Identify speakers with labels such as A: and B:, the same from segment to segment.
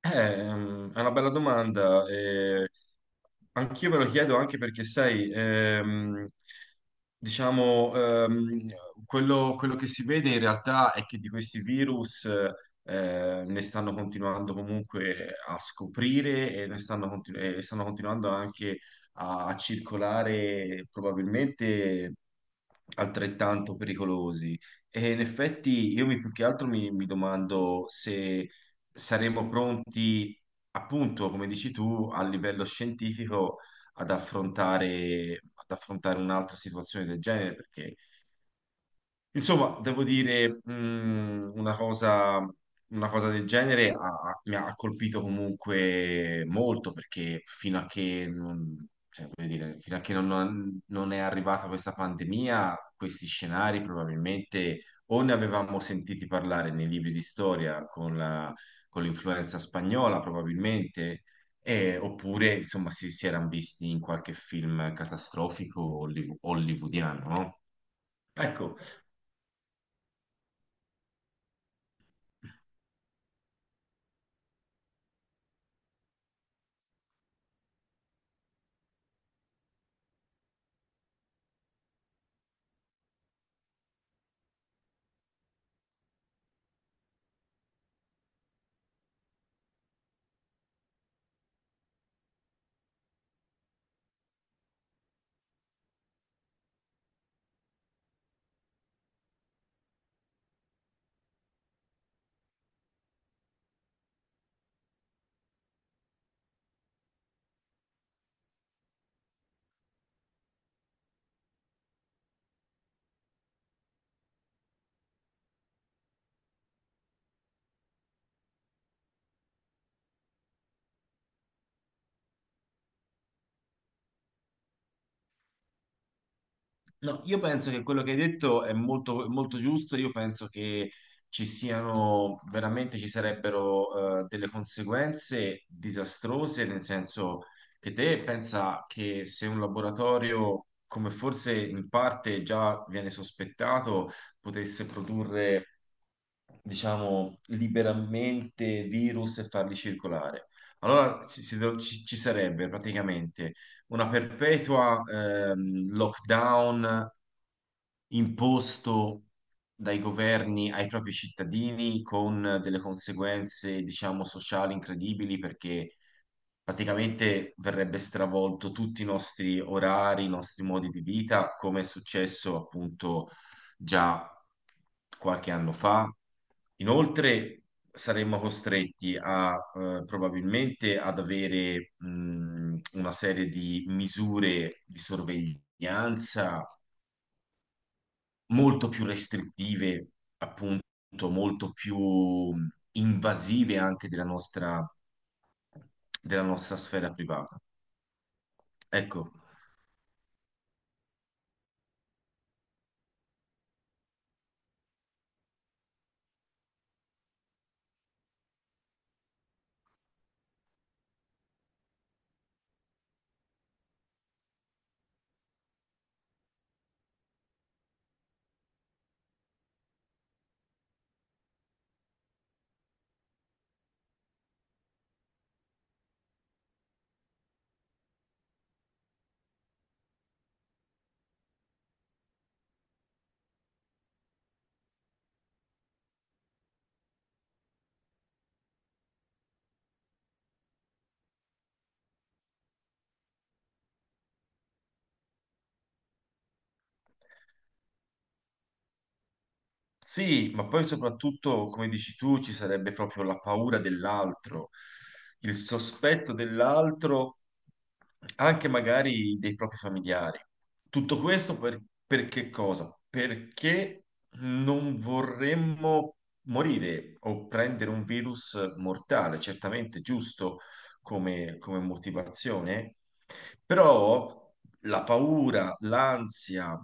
A: È una bella domanda. Anch'io me lo chiedo anche perché, sai, diciamo, ehm, quello che si vede in realtà è che di questi virus ne stanno continuando comunque a scoprire e ne e stanno continuando anche a circolare probabilmente altrettanto pericolosi. E in effetti più che altro mi domando se saremo pronti, appunto, come dici tu, a livello scientifico ad affrontare un'altra situazione del genere, perché insomma, devo dire, una cosa del genere mi ha colpito comunque molto perché fino a che non, cioè, voglio dire, fino a che non, non è arrivata questa pandemia, questi scenari probabilmente o ne avevamo sentiti parlare nei libri di storia con con l'influenza spagnola, probabilmente, oppure insomma si erano visti in qualche film catastrofico hollywoodiano, no? Ecco. No, io penso che quello che hai detto è molto, molto giusto. Io penso che ci siano veramente ci sarebbero delle conseguenze disastrose, nel senso che te pensa che se un laboratorio, come forse in parte già viene sospettato, potesse produrre, diciamo, liberamente virus e farli circolare. Allora ci, si- ci sarebbe praticamente una perpetua lockdown imposto dai governi ai propri cittadini con delle conseguenze, diciamo, sociali incredibili perché praticamente verrebbe stravolto tutti i nostri orari, i nostri modi di vita, come è successo appunto già qualche anno fa. Inoltre saremmo costretti a probabilmente ad avere una serie di misure di sorveglianza molto più restrittive, appunto, molto più invasive anche della nostra sfera privata. Ecco. Sì, ma poi soprattutto, come dici tu, ci sarebbe proprio la paura dell'altro, il sospetto dell'altro, anche magari dei propri familiari. Tutto questo per che cosa? Perché non vorremmo morire o prendere un virus mortale, certamente giusto come motivazione, però la paura, l'ansia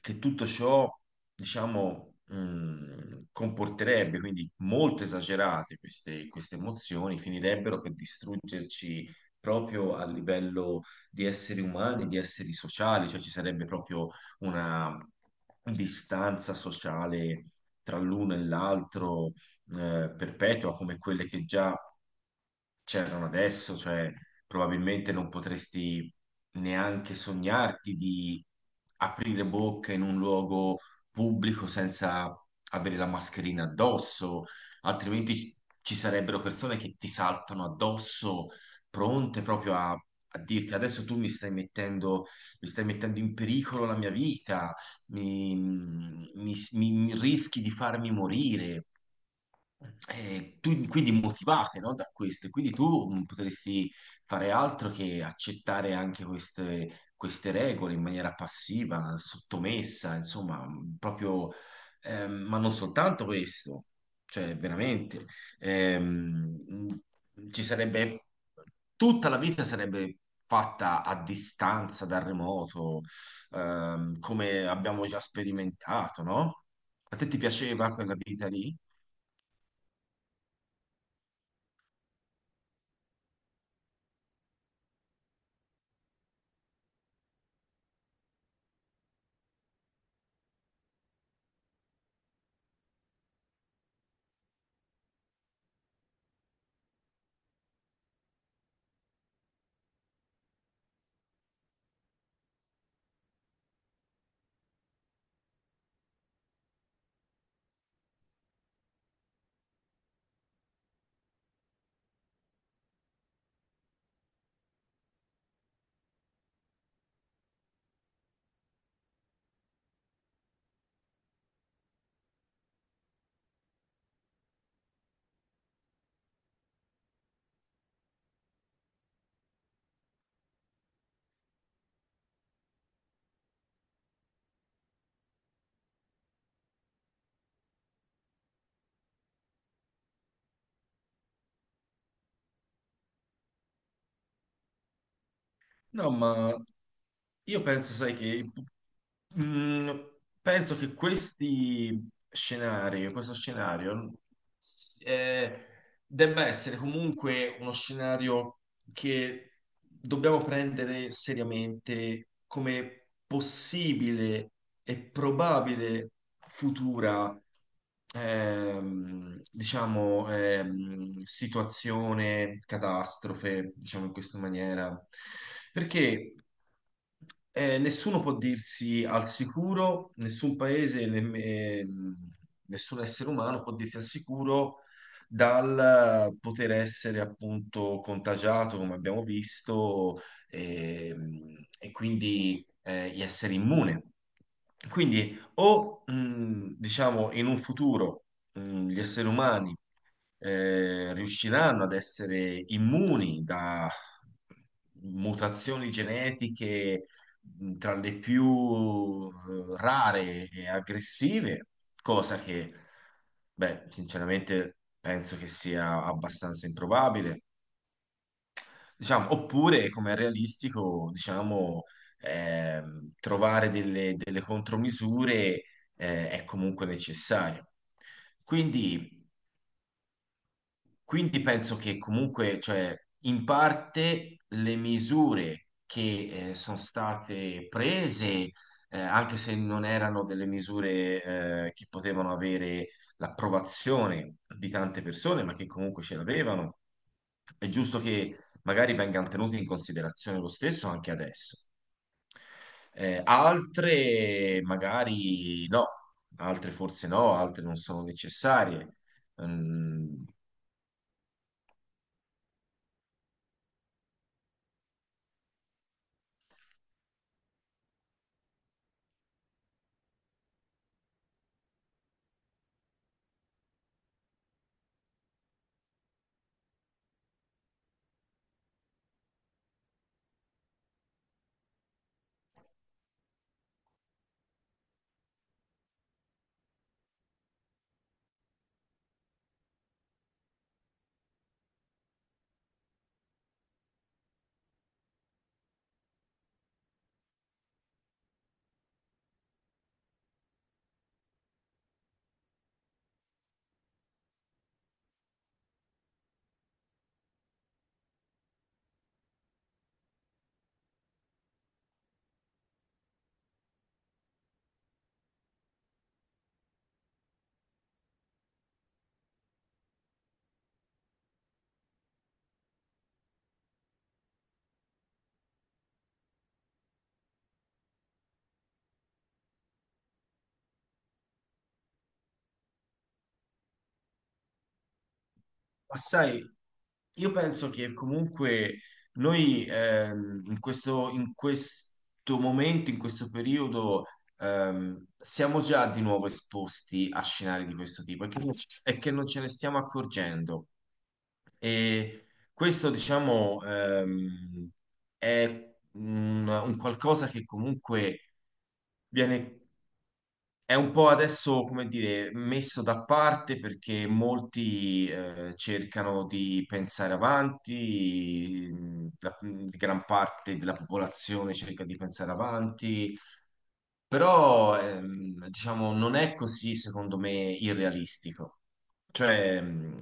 A: che tutto ciò diciamo, comporterebbe, quindi molto esagerate queste emozioni, finirebbero per distruggerci proprio a livello di esseri umani, di esseri sociali, cioè ci sarebbe proprio una distanza sociale tra l'uno e l'altro perpetua, come quelle che già c'erano adesso, cioè probabilmente non potresti neanche sognarti di aprire bocca in un luogo pubblico senza avere la mascherina addosso, altrimenti ci sarebbero persone che ti saltano addosso, pronte proprio a dirti adesso tu mi stai mettendo in pericolo la mia vita, mi rischi di farmi morire. Quindi motivate, no, da questo, e quindi tu potresti fare altro che accettare anche queste regole in maniera passiva, sottomessa, insomma, proprio, ma non soltanto questo, cioè veramente, ehm, mh, ci sarebbe, tutta la vita sarebbe fatta a distanza, da remoto, come abbiamo già sperimentato, no? A te ti piaceva quella vita lì? No, ma io penso, sai che mm, penso che questi scenari, questo scenario s- eh, debba essere comunque uno scenario che dobbiamo prendere seriamente come possibile e probabile futura diciamo, situazione, catastrofe, diciamo in questa maniera, perché nessuno può dirsi al sicuro, nessun paese, nessun essere umano può dirsi al sicuro dal poter essere appunto contagiato, come abbiamo visto, e, e quindi di essere immune. Quindi o diciamo in un futuro gli esseri umani riusciranno ad essere immuni da mutazioni genetiche tra le più rare e aggressive, cosa che, beh, sinceramente penso che sia abbastanza improbabile. Diciamo, oppure, come è realistico, diciamo, trovare delle contromisure, è comunque necessario. Quindi, quindi penso che comunque, cioè, in parte le misure che sono state prese, anche se non erano delle misure che potevano avere l'approvazione di tante persone, ma che comunque ce l'avevano, è giusto che magari vengano tenute in considerazione lo stesso anche adesso. Altre magari no, altre forse no, altre non sono necessarie. Mm. Ma sai, io penso che comunque noi in questo momento, in questo periodo, siamo già di nuovo esposti a scenari di questo tipo e che non ce ne stiamo accorgendo. E questo, diciamo, è un qualcosa che comunque viene è un po' adesso, come dire, messo da parte perché molti cercano di pensare avanti, gran parte della popolazione cerca di pensare avanti, però diciamo non è così, secondo me, irrealistico. Cioè, mhmm,